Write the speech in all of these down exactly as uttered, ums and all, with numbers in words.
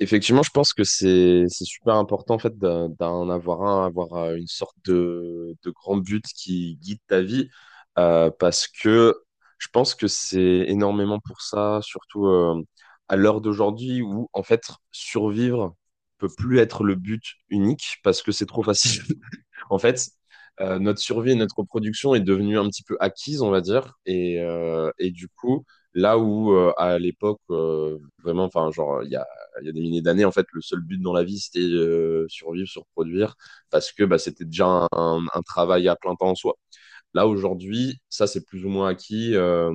Effectivement, je pense que c'est c'est super important en fait d'un- d'en avoir un, avoir euh, une sorte de, de grand but qui guide ta vie, euh, parce que je pense que c'est énormément pour ça, surtout euh, à l'heure d'aujourd'hui où en fait survivre peut plus être le but unique parce que c'est trop facile. En fait, euh, notre survie et notre reproduction est devenue un petit peu acquise, on va dire. Et, euh, et du coup, là où euh, à l'époque, euh, vraiment, enfin, genre, il y a, il y a des milliers d'années, en fait, le seul but dans la vie, c'était euh, survivre, se reproduire, parce que bah, c'était déjà un, un- un travail à plein temps en soi. Là, aujourd'hui, ça, c'est plus ou moins acquis. euh,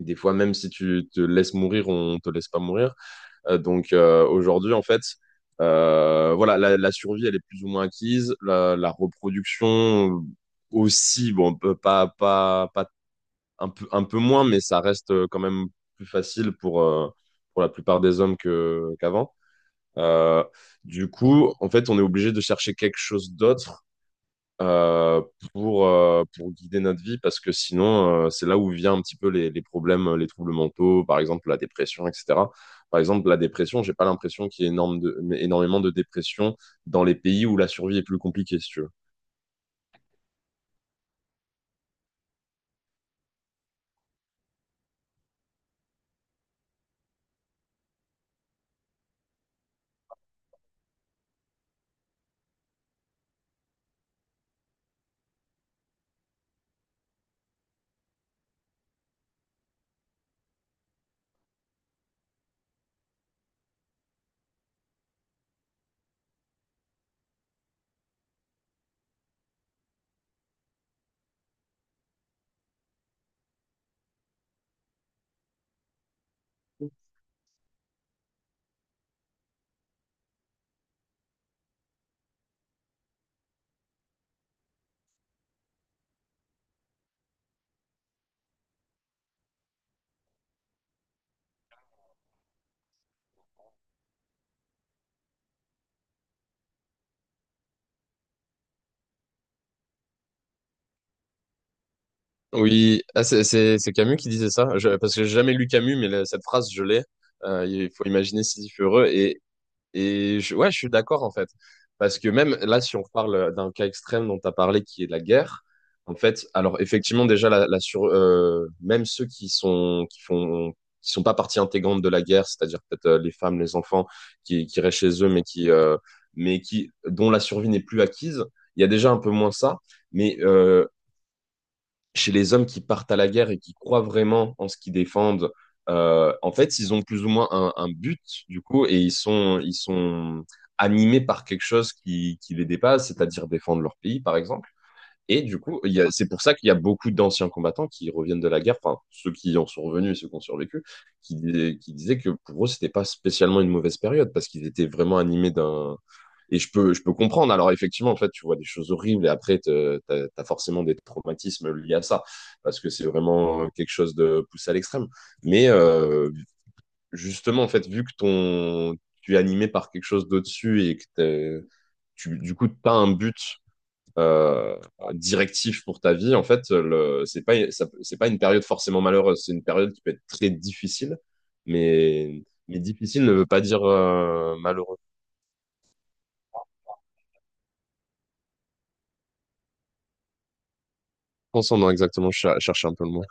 des fois, même si tu te laisses mourir, on te laisse pas mourir. Euh, donc euh, aujourd'hui, en fait, euh, voilà, la, la, survie, elle est plus ou moins acquise. La, la reproduction aussi, bon, on peut pas, pas, pas un peu, un peu moins, mais ça reste euh, quand même plus facile pour, euh, pour la plupart des hommes que, qu'avant. Euh, du coup, en fait, on est obligé de chercher quelque chose d'autre euh, pour, euh, pour guider notre vie, parce que sinon, euh, c'est là où vient un petit peu les, les problèmes, euh, les troubles mentaux, par exemple la dépression, et cetera. Par exemple, la dépression, j'ai pas l'impression qu'il y ait énorme de, mais énormément de dépression dans les pays où la survie est plus compliquée, si tu veux. Oui, ah, c'est c'est- c'est Camus qui disait ça. Je- parce que j'ai jamais lu Camus, mais la- cette phrase, je l'ai. Euh, il faut imaginer Sisyphe heureux. Et, Et je- ouais, je suis d'accord en fait. Parce que même là, si on parle d'un cas extrême dont tu as parlé, qui est la guerre, en fait, alors effectivement, déjà, la, la sur, euh, même ceux qui sont, qui font, qui sont pas partie intégrante de la guerre, c'est-à-dire peut-être euh, les femmes, les enfants qui, qui restent chez eux, mais qui, euh, mais qui, dont la survie n'est plus acquise, il y a déjà un peu moins ça. Mais euh, chez les hommes qui partent à la guerre et qui croient vraiment en ce qu'ils défendent, euh, en fait, ils ont plus ou moins un, un but, du coup, et ils sont, ils sont animés par quelque chose qui, qui les dépasse, c'est-à-dire défendre leur pays, par exemple. Et du coup, il y a- c'est pour ça qu'il y a beaucoup d'anciens combattants qui reviennent de la guerre, enfin, ceux qui en sont revenus et ceux qui ont survécu, qui, dis- qui disaient que pour eux, c'était pas spécialement une mauvaise période parce qu'ils étaient vraiment animés d'un. Et je peux, je peux comprendre. Alors, effectivement, en fait, tu vois des choses horribles et après, te- t'as, t'as forcément des traumatismes liés à ça parce que c'est vraiment quelque chose de poussé à l'extrême. Mais euh, justement, en fait, vu que ton, tu es animé par quelque chose d'au-dessus et que t'es- tu, du coup, t'as un but euh, directif pour ta vie, en fait, le, c'est pas, ça- c'est pas une période forcément malheureuse. C'est une période qui peut être très difficile, mais, mais difficile ne veut pas dire euh, malheureux. Pensons dans exactement, cher- chercher un peu le mot.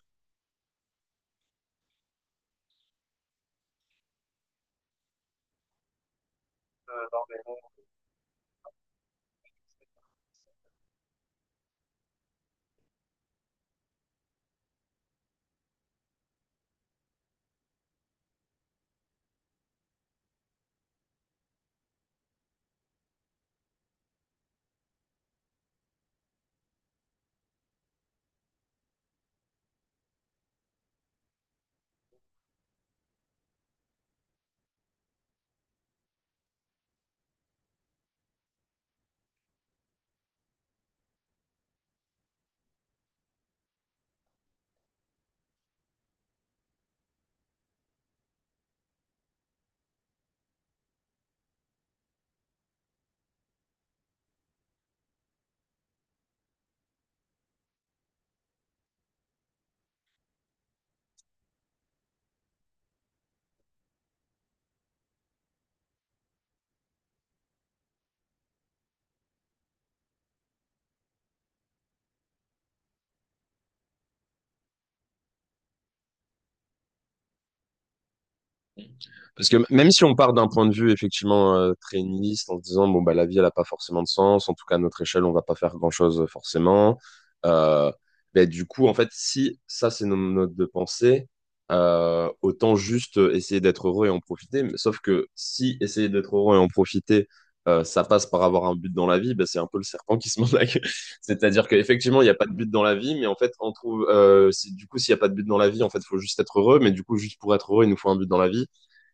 Parce que même si on part d'un point de vue effectivement euh, très nihiliste en se disant bon bah la vie elle a pas forcément de sens, en tout cas à notre échelle on va pas faire grand-chose euh, forcément. Euh, ben, du coup en fait si ça c'est nos notes de pensée, euh, autant juste euh, essayer d'être heureux et en profiter. Mais, sauf que si essayer d'être heureux et en profiter euh, ça passe par avoir un but dans la vie, ben, c'est un peu le serpent qui se mord la queue. C'est-à-dire qu'effectivement il n'y a pas de but dans la vie, mais en fait on trouve euh, si- du coup s'il n'y a pas de but dans la vie en fait faut juste être heureux, mais du coup juste pour être heureux il nous faut un but dans la vie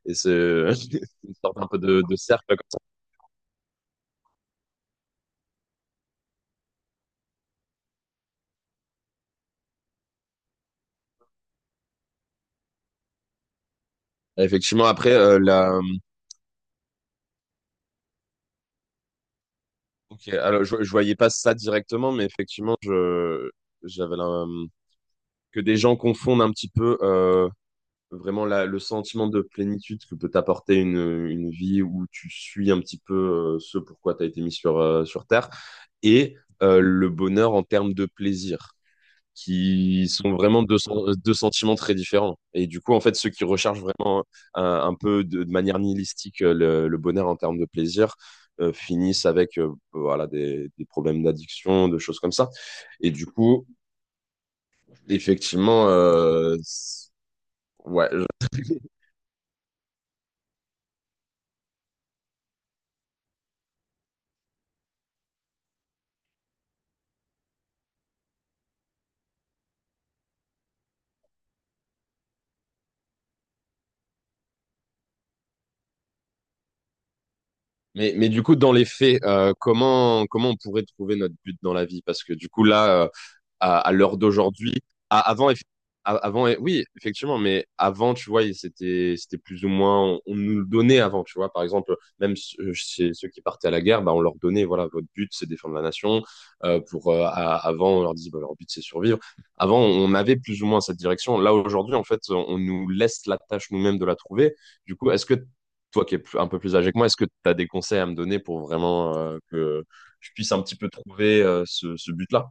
et c'est une sorte un peu de, de cercle. Effectivement, après, euh, la... ok, alors, je, je voyais pas ça directement, mais effectivement, je, j'avais la... que des gens confondent un petit peu euh, vraiment la, le sentiment de plénitude que peut t'apporter une, une vie où tu suis un petit peu euh, ce pourquoi tu as été mis sur, euh, sur Terre et euh, le bonheur en termes de plaisir. Qui sont vraiment deux, sen- deux sentiments très différents. Et du coup, en fait, ceux qui recherchent vraiment un, un peu de, de manière nihilistique euh, le, le bonheur en termes de plaisir euh, finissent avec euh, voilà, des, des problèmes d'addiction, de choses comme ça. Et du coup, effectivement, euh, c- ouais. je- Mais, mais du coup, dans les faits, euh, comment, comment on pourrait trouver notre but dans la vie? Parce que du coup, là, euh, à, à l'heure d'aujourd'hui. À- Avant, eff- à- avant, eh, oui, effectivement, mais avant, tu vois, il- c'était, c'était plus ou moins, on, on nous le donnait avant, tu vois. Par exemple, même ceux, chez ceux qui partaient à la guerre, bah, on leur donnait, voilà, votre but, c'est défendre la nation. Euh, pour, euh, à- avant, on leur disait, bah, leur but, c'est survivre. Avant, on avait plus ou moins cette direction. Là, aujourd'hui, en fait, on on nous laisse la tâche nous-mêmes de la trouver. Du coup, est-ce que toi qui es plus- un peu plus âgé que moi, est-ce que tu as des conseils à me donner pour vraiment euh, que je puisse un petit peu trouver euh, ce, ce but-là?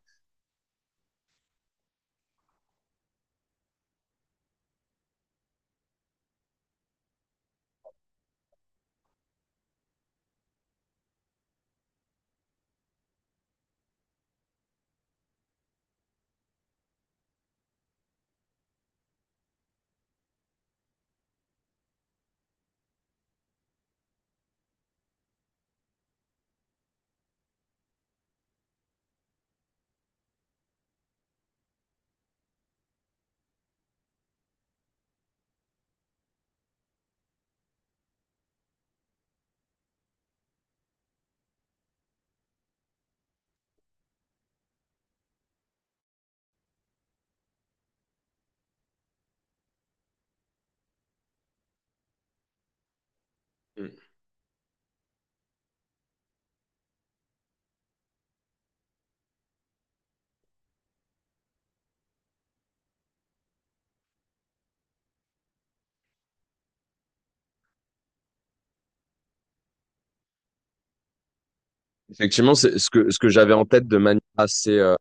Effectivement, c'est ce que ce que j'avais en tête de manière assez euh,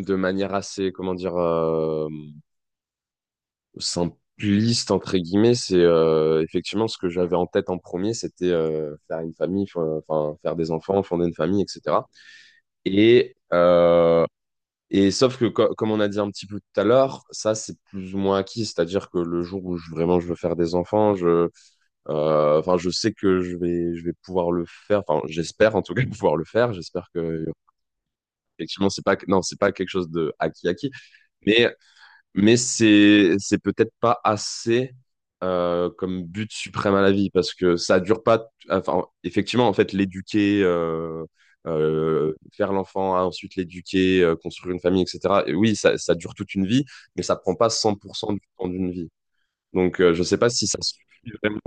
de manière assez comment dire euh, simpliste entre guillemets, c'est euh, effectivement ce que j'avais en tête en premier, c'était euh, faire une famille, fo- enfin faire des enfants, fonder une famille, et cetera. Et euh, et sauf que co- comme on a dit un petit peu tout à l'heure, ça c'est plus ou moins acquis, c'est-à-dire que le jour où je, vraiment je veux faire des enfants, je euh, enfin je sais que je vais je vais pouvoir le faire, enfin j'espère en tout cas pouvoir le faire, j'espère que effectivement, c'est pas, non, c'est pas quelque chose de acquis acquis, mais, mais c'est, c'est peut-être pas assez euh, comme but suprême à la vie parce que ça dure pas. Enfin, effectivement, en fait, l'éduquer, euh, euh, faire l'enfant, hein, ensuite l'éduquer, euh, construire une famille, et cetera. Et oui, ça, ça dure toute une vie, mais ça prend pas cent pour cent du temps d'une vie. Donc, euh, je sais pas si ça suffit vraiment.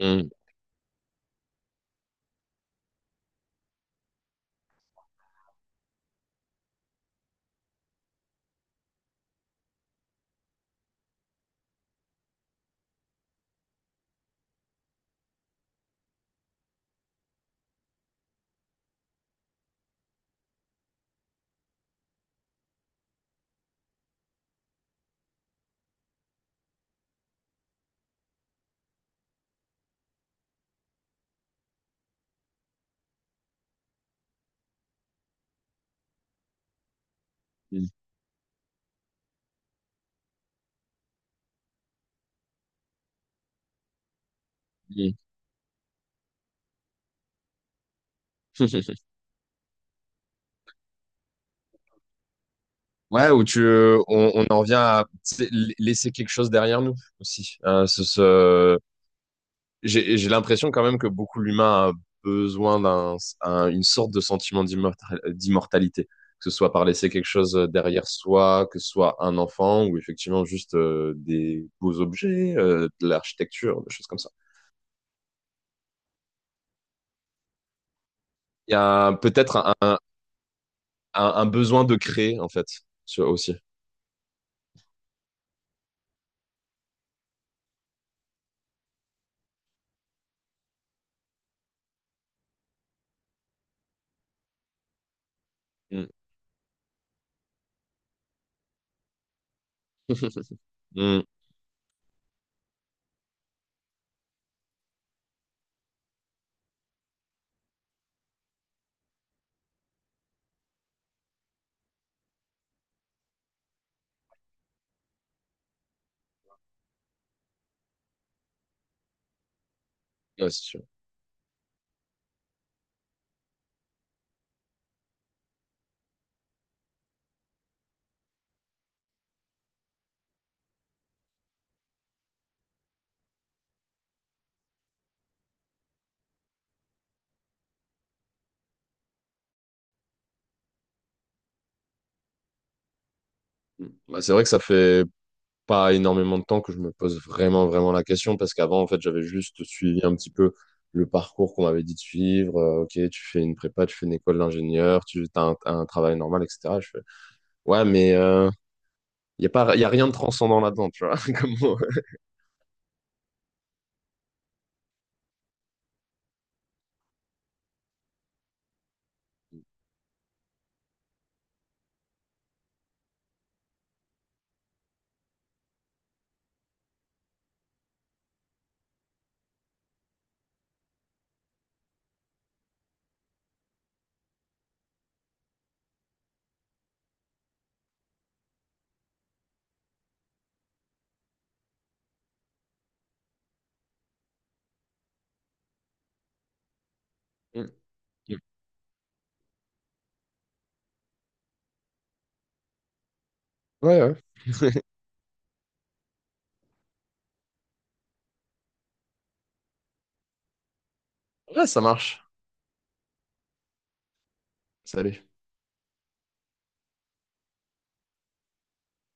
Mm. Mm. Ouais, où tu, euh, on, on en revient à tu sais, la- laisser quelque chose derrière nous aussi. Euh, ce, ce- J'ai, j'ai l'impression quand même que beaucoup l'humain a besoin d'un, un- une sorte de sentiment d'immortal- d'immortalité, que ce soit par laisser quelque chose euh, derrière soi, que ce soit un enfant ou effectivement juste euh, des beaux objets, euh, de l'architecture, des choses comme ça. Il y a peut-être un, un, un besoin de créer en fait, sur- aussi. Mm. Mm. Ouais, c'est sûr. Mm. Bah, c'est vrai que ça fait pas énormément de temps que je me pose vraiment, vraiment la question parce qu'avant, en fait, j'avais juste suivi un petit peu le parcours qu'on m'avait dit de suivre. Euh, ok, tu fais une prépa, tu fais une école d'ingénieur, tu as un, un travail normal, et cetera. Je fais, ouais, mais euh, il y a pas, il y a rien de transcendant là-dedans, tu vois. Comme moi. Mm. Ouais, ouais. Ouais, ça marche. Salut.